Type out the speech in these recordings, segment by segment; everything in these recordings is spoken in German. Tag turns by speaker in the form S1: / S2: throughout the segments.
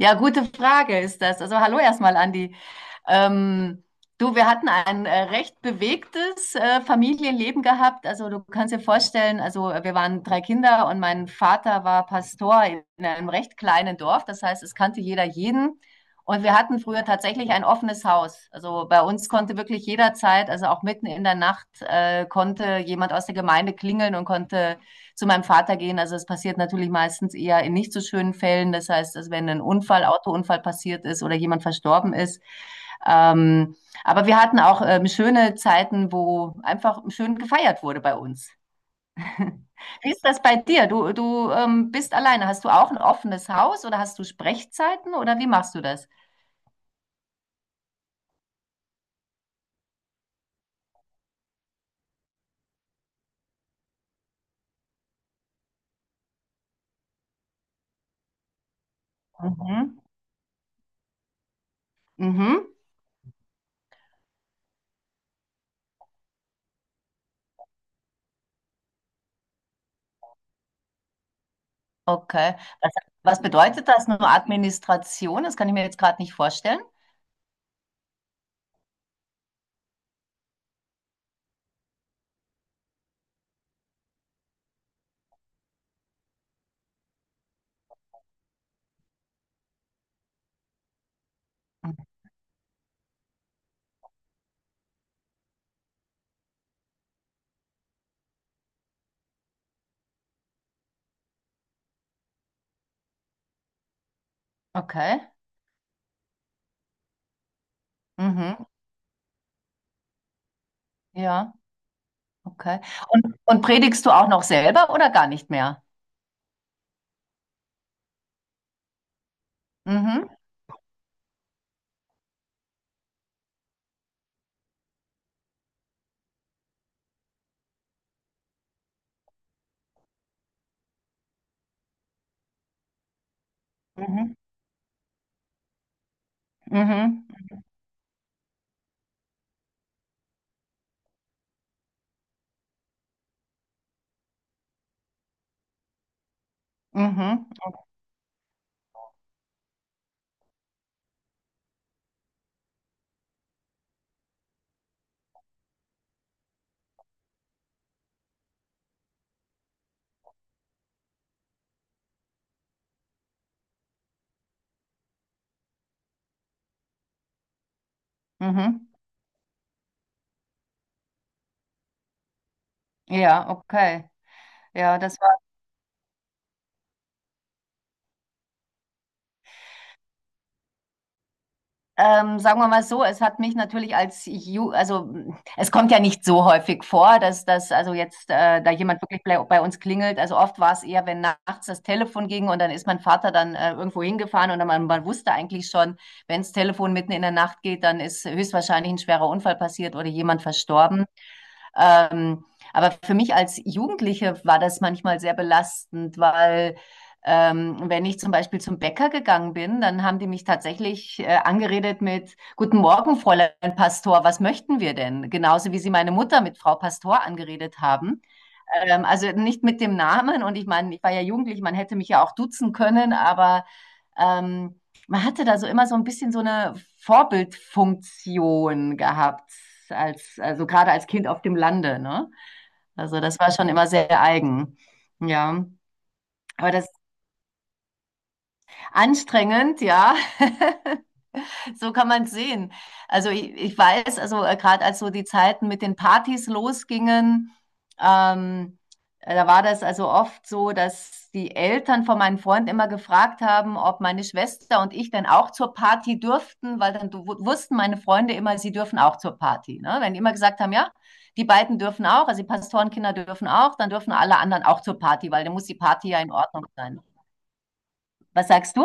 S1: Ja, gute Frage ist das. Also hallo erstmal, Andi. Ähm, du, wir hatten ein recht bewegtes Familienleben gehabt. Also du kannst dir vorstellen, also wir waren drei Kinder und mein Vater war Pastor in einem recht kleinen Dorf. Das heißt, es kannte jeder jeden. Und wir hatten früher tatsächlich ein offenes Haus. Also bei uns konnte wirklich jederzeit, also auch mitten in der Nacht, konnte jemand aus der Gemeinde klingeln und konnte zu meinem Vater gehen. Also es passiert natürlich meistens eher in nicht so schönen Fällen. Das heißt, dass wenn ein Unfall, Autounfall passiert ist oder jemand verstorben ist. Ähm, aber wir hatten auch schöne Zeiten, wo einfach schön gefeiert wurde bei uns. Wie ist das bei dir? Du, bist alleine. Hast du auch ein offenes Haus oder hast du Sprechzeiten oder wie machst du das? Mhm. Mhm. Okay. Was, was bedeutet das nur Administration? Das kann ich mir jetzt gerade nicht vorstellen. Hm, okay. Mhm. Ja, okay. Und predigst du auch noch selber oder gar nicht mehr? Mhm. Mhm. Mhm. Mhm. Mhm. Ja, okay. Ja, das. Sagen wir mal so, es hat mich natürlich also es kommt ja nicht so häufig vor, dass das also jetzt da jemand wirklich bei uns klingelt. Also oft war es eher, wenn nachts das Telefon ging und dann ist mein Vater dann irgendwo hingefahren, und dann man wusste eigentlich schon, wenn das Telefon mitten in der Nacht geht, dann ist höchstwahrscheinlich ein schwerer Unfall passiert oder jemand verstorben. Ähm, aber für mich als Jugendliche war das manchmal sehr belastend, weil wenn ich zum Beispiel zum Bäcker gegangen bin, dann haben die mich tatsächlich angeredet mit: Guten Morgen, Fräulein Pastor, was möchten wir denn? Genauso wie sie meine Mutter mit Frau Pastor angeredet haben. Also nicht mit dem Namen. Und ich meine, ich war ja jugendlich, man hätte mich ja auch duzen können, aber ähm, man hatte da so immer so ein bisschen so eine Vorbildfunktion gehabt, also gerade als Kind auf dem Lande, ne? Also das war schon immer sehr eigen. Ja. Aber das ist anstrengend, ja. So kann man es sehen. Also ich weiß, also gerade als so die Zeiten mit den Partys losgingen, ähm, da war das also oft so, dass die Eltern von meinen Freunden immer gefragt haben, ob meine Schwester und ich dann auch zur Party dürften, weil dann wussten meine Freunde immer, sie dürfen auch zur Party. Ne? Wenn die immer gesagt haben: Ja, die beiden dürfen auch, also die Pastorenkinder dürfen auch, dann dürfen alle anderen auch zur Party, weil dann muss die Party ja in Ordnung sein. Was sagst du?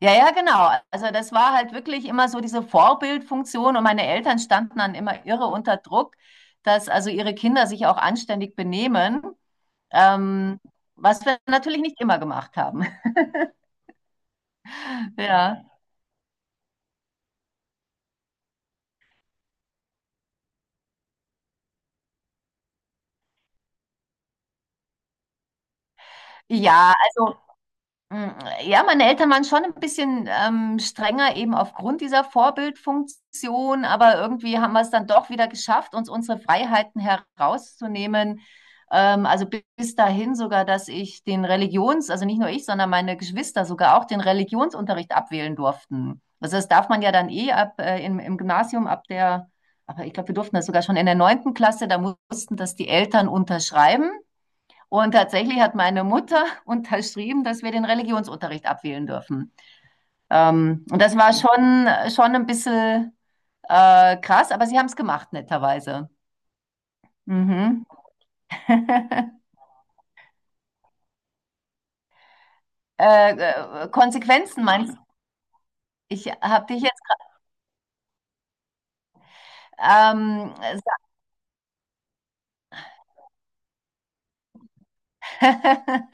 S1: Ja, ja, genau. Also das war halt wirklich immer so diese Vorbildfunktion, und meine Eltern standen dann immer irre unter Druck, dass also ihre Kinder sich auch anständig benehmen, ähm, was wir natürlich nicht immer gemacht haben. Ja, ja, also. Mm, Ja, meine Eltern waren schon ein bisschen strenger eben aufgrund dieser Vorbildfunktion, aber irgendwie haben wir es dann doch wieder geschafft, uns unsere Freiheiten herauszunehmen. Also bis dahin sogar, dass ich den also nicht nur ich, sondern meine Geschwister sogar auch den Religionsunterricht abwählen durften. Also das darf man ja dann eh ab im Gymnasium ab der, aber ich glaube, wir durften das sogar schon in der neunten Klasse, da mussten das die Eltern unterschreiben. Und tatsächlich hat meine Mutter unterschrieben, dass wir den Religionsunterricht abwählen dürfen. Und das war schon ein bisschen krass, aber sie haben es gemacht, netterweise. Mhm. äh, Konsequenzen meinst du? Ich habe dich jetzt. Ähm,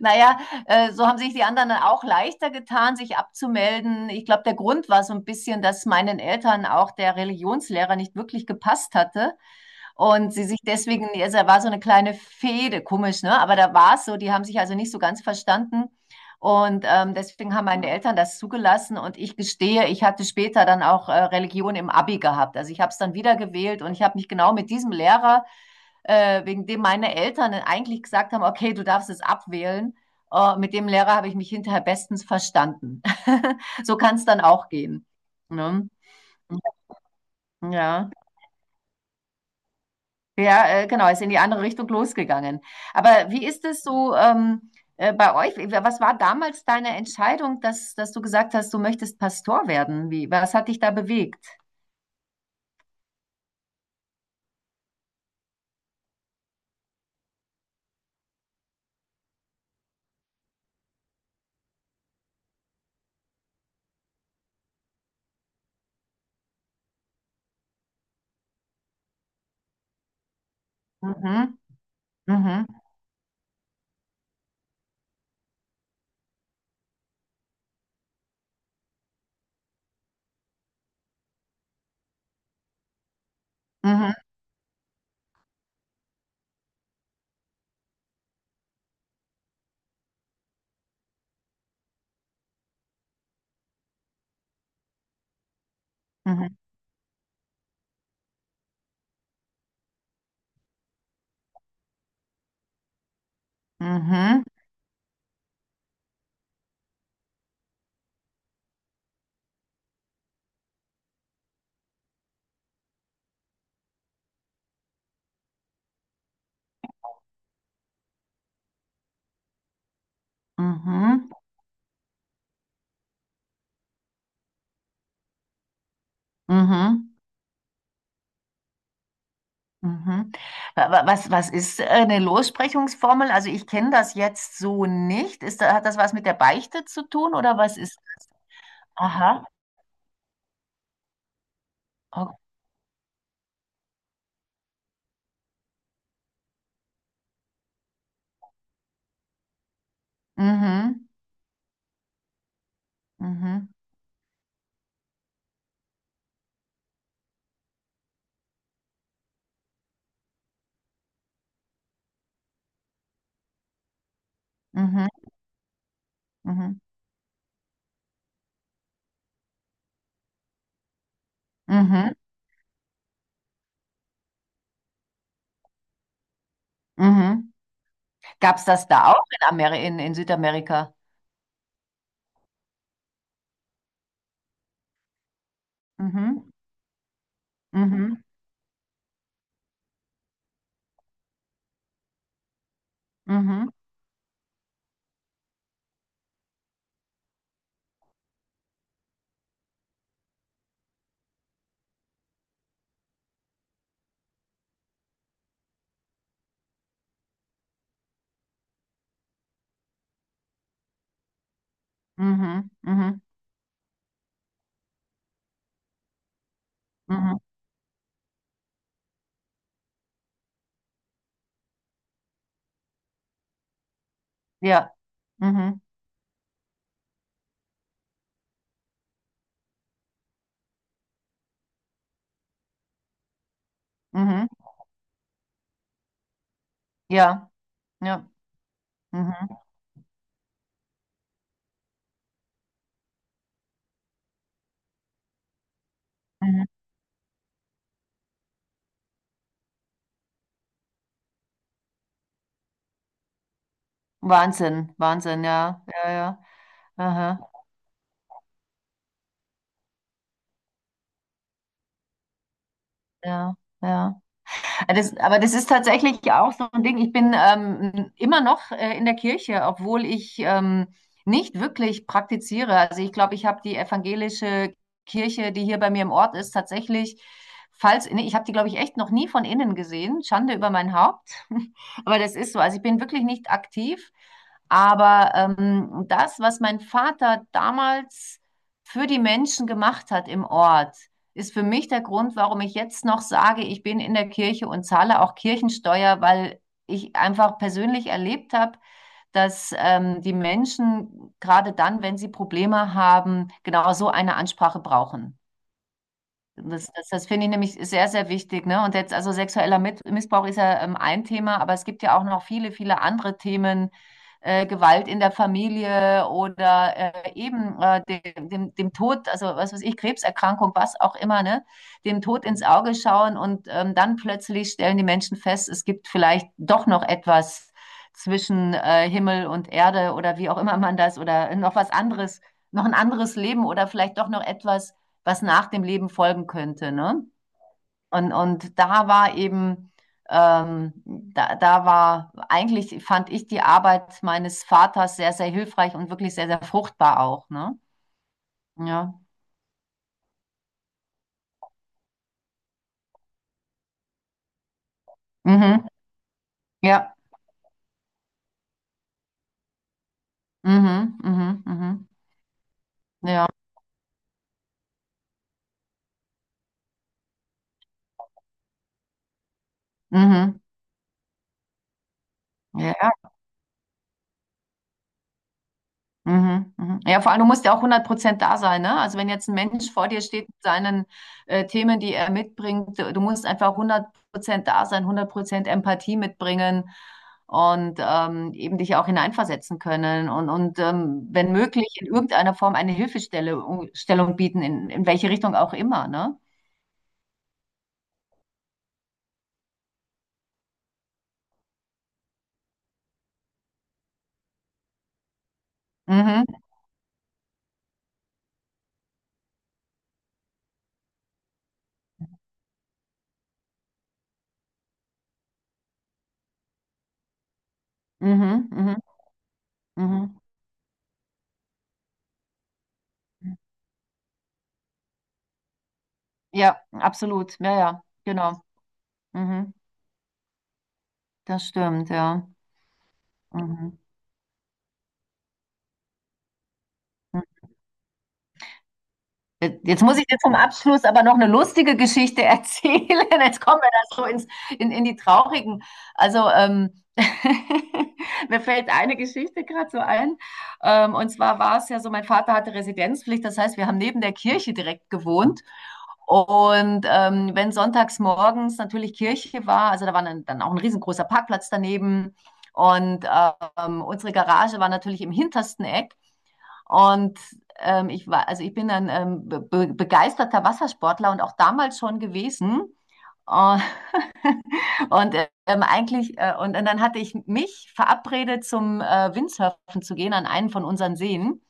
S1: naja, so haben sich die anderen dann auch leichter getan, sich abzumelden. Ich glaube, der Grund war so ein bisschen, dass meinen Eltern auch der Religionslehrer nicht wirklich gepasst hatte. Und sie sich deswegen, also da war so eine kleine Fehde, komisch, ne? Aber da war es so, die haben sich also nicht so ganz verstanden. Und deswegen haben meine Eltern das zugelassen. Und ich gestehe, ich hatte später dann auch Religion im Abi gehabt. Also ich habe es dann wieder gewählt, und ich habe mich genau mit diesem Lehrer, wegen dem meine Eltern eigentlich gesagt haben, okay, du darfst es abwählen. Mit dem Lehrer habe ich mich hinterher bestens verstanden. So kann es dann auch gehen. Ne? Ja. Ja, genau, ist in die andere Richtung losgegangen. Aber wie ist es so bei euch? Was war damals deine Entscheidung, dass du gesagt hast, du möchtest Pastor werden? Was hat dich da bewegt? Mhm, mhm, mhm, mhm, mhm, mhm, mhm. Mhm. Was ist eine Lossprechungsformel? Also ich kenne das jetzt so nicht. Hat das was mit der Beichte zu tun oder was ist? Aha. Okay. Mhm. Mhm. Mhm. Mhm. Mhm. Mhm. Mhm. Gab's das da auch in Südamerika? Mhm. Mhm. Mhm. Mhm. Mhm. Mhm. Ja. Mhm. Mhm. Ja. Ja. Mhm. Mhm. Wahnsinn. Wahnsinn, ja. Ja, ja. Aha. Ja. Ja. Aber das ist tatsächlich ja auch so ein Ding. Ich bin immer noch in der Kirche, obwohl ich nicht wirklich praktiziere. Also ich glaube, ich habe die evangelische Kirche, die hier bei mir im Ort ist, tatsächlich, falls, nee, ich habe die, glaube ich, echt noch nie von innen gesehen. Schande über mein Haupt. Aber das ist so. Also ich bin wirklich nicht aktiv. Aber das, was mein Vater damals für die Menschen gemacht hat im Ort, ist für mich der Grund, warum ich jetzt noch sage, ich bin in der Kirche und zahle auch Kirchensteuer, weil ich einfach persönlich erlebt habe, dass die Menschen gerade dann, wenn sie Probleme haben, genau so eine Ansprache brauchen. Das finde ich nämlich sehr, sehr wichtig, ne? Und jetzt, also sexueller Missbrauch ist ja ein Thema, aber es gibt ja auch noch viele, viele andere Themen, Gewalt in der Familie oder eben dem Tod, also was weiß ich, Krebserkrankung, was auch immer, ne? Dem Tod ins Auge schauen und dann plötzlich stellen die Menschen fest, es gibt vielleicht doch noch etwas zwischen Himmel und Erde, oder wie auch immer man das, oder noch was anderes, noch ein anderes Leben oder vielleicht doch noch etwas, was nach dem Leben folgen könnte. Ne? Und da war eben, da war eigentlich, fand ich die Arbeit meines Vaters sehr, sehr hilfreich und wirklich sehr, sehr fruchtbar auch. Ne? Ja. Mhm. Ja. Mhm. Mhm. Mhm. Ja. Mhm. Ja. Mhm, mhm. Ja, vor allem, du musst ja auch 100% da sein, ne? Also wenn jetzt ein Mensch vor dir steht mit seinen Themen, die er mitbringt, du musst einfach 100% da sein, 100% Empathie mitbringen, und eben dich auch hineinversetzen können, und wenn möglich in irgendeiner Form eine Hilfestellung Stellung bieten, in welche Richtung auch immer, ne? Mhm, mhm, mhm, mhm. Ja, absolut. Ja, ja, genau. Mhm, das stimmt, ja. Mhm. Mhm. Jetzt muss ich dir zum Abschluss aber noch eine lustige Geschichte erzählen. Jetzt kommen wir da so in die traurigen. Also, mir fällt eine Geschichte gerade so ein. Und zwar war es ja so, mein Vater hatte Residenzpflicht. Das heißt, wir haben neben der Kirche direkt gewohnt. Und wenn sonntags morgens natürlich Kirche war, also da war dann auch ein riesengroßer Parkplatz daneben. Und unsere Garage war natürlich im hintersten Eck. Und ich war, also ich bin ein be begeisterter Wassersportler, und auch damals schon gewesen. Und, und eigentlich, und dann hatte ich mich verabredet, zum Windsurfen zu gehen an einen von unseren Seen.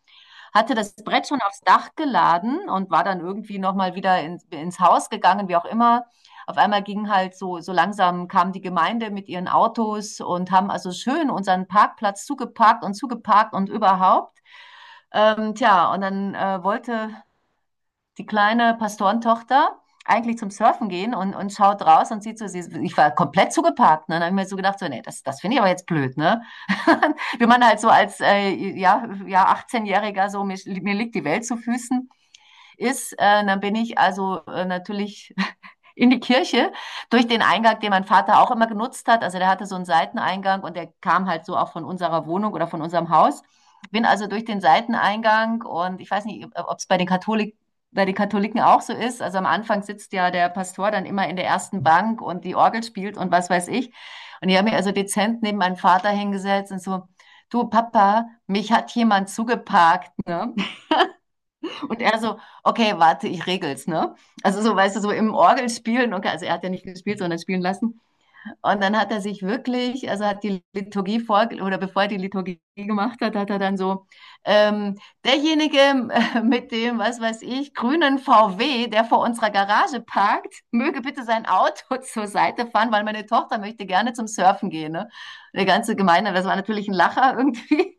S1: Hatte das Brett schon aufs Dach geladen und war dann irgendwie nochmal wieder ins Haus gegangen, wie auch immer. Auf einmal ging halt so, so langsam kam die Gemeinde mit ihren Autos und haben also schön unseren Parkplatz zugeparkt und zugeparkt und überhaupt. Tja, und dann wollte die kleine Pastorentochter eigentlich zum Surfen gehen, und, schaut raus und sieht so, ich war komplett zugeparkt. Ne? Dann habe ich mir so gedacht, so, nee, das finde ich aber jetzt blöd, ne? Wie man halt so als ja, ja, 18-Jähriger so, mir liegt die Welt zu Füßen ist. Dann bin ich also natürlich in die Kirche, durch den Eingang, den mein Vater auch immer genutzt hat. Also der hatte so einen Seiteneingang, und der kam halt so auch von unserer Wohnung oder von unserem Haus. Bin also durch den Seiteneingang, und ich weiß nicht, ob es bei den Katholiken auch so ist. Also am Anfang sitzt ja der Pastor dann immer in der ersten Bank und die Orgel spielt und was weiß ich. Und ich habe mich also dezent neben meinen Vater hingesetzt und so: Du Papa, mich hat jemand zugeparkt. Ne? Und er so: Okay, warte, ich regel's, ne? Also so, weißt du, so im Orgel spielen, okay, also er hat ja nicht gespielt, sondern spielen lassen. Und dann hat er sich wirklich, also hat die Liturgie vor, oder bevor er die Liturgie gemacht hat, hat er dann so, ähm, derjenige mit dem, was weiß ich, grünen VW, der vor unserer Garage parkt, möge bitte sein Auto zur Seite fahren, weil meine Tochter möchte gerne zum Surfen gehen. Ne? Der ganze Gemeinde, das war natürlich ein Lacher irgendwie.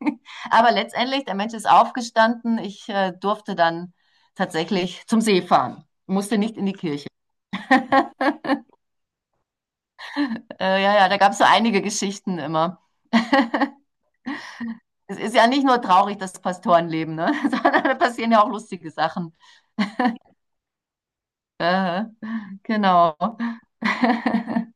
S1: Aber letztendlich, der Mensch ist aufgestanden. Ich durfte dann tatsächlich zum See fahren, musste nicht in die Kirche. Ja, ja, da gab es so einige Geschichten immer. Es ist ja nicht nur traurig, das Pastorenleben, ne? sondern da passieren ja auch lustige Sachen. Äh, genau.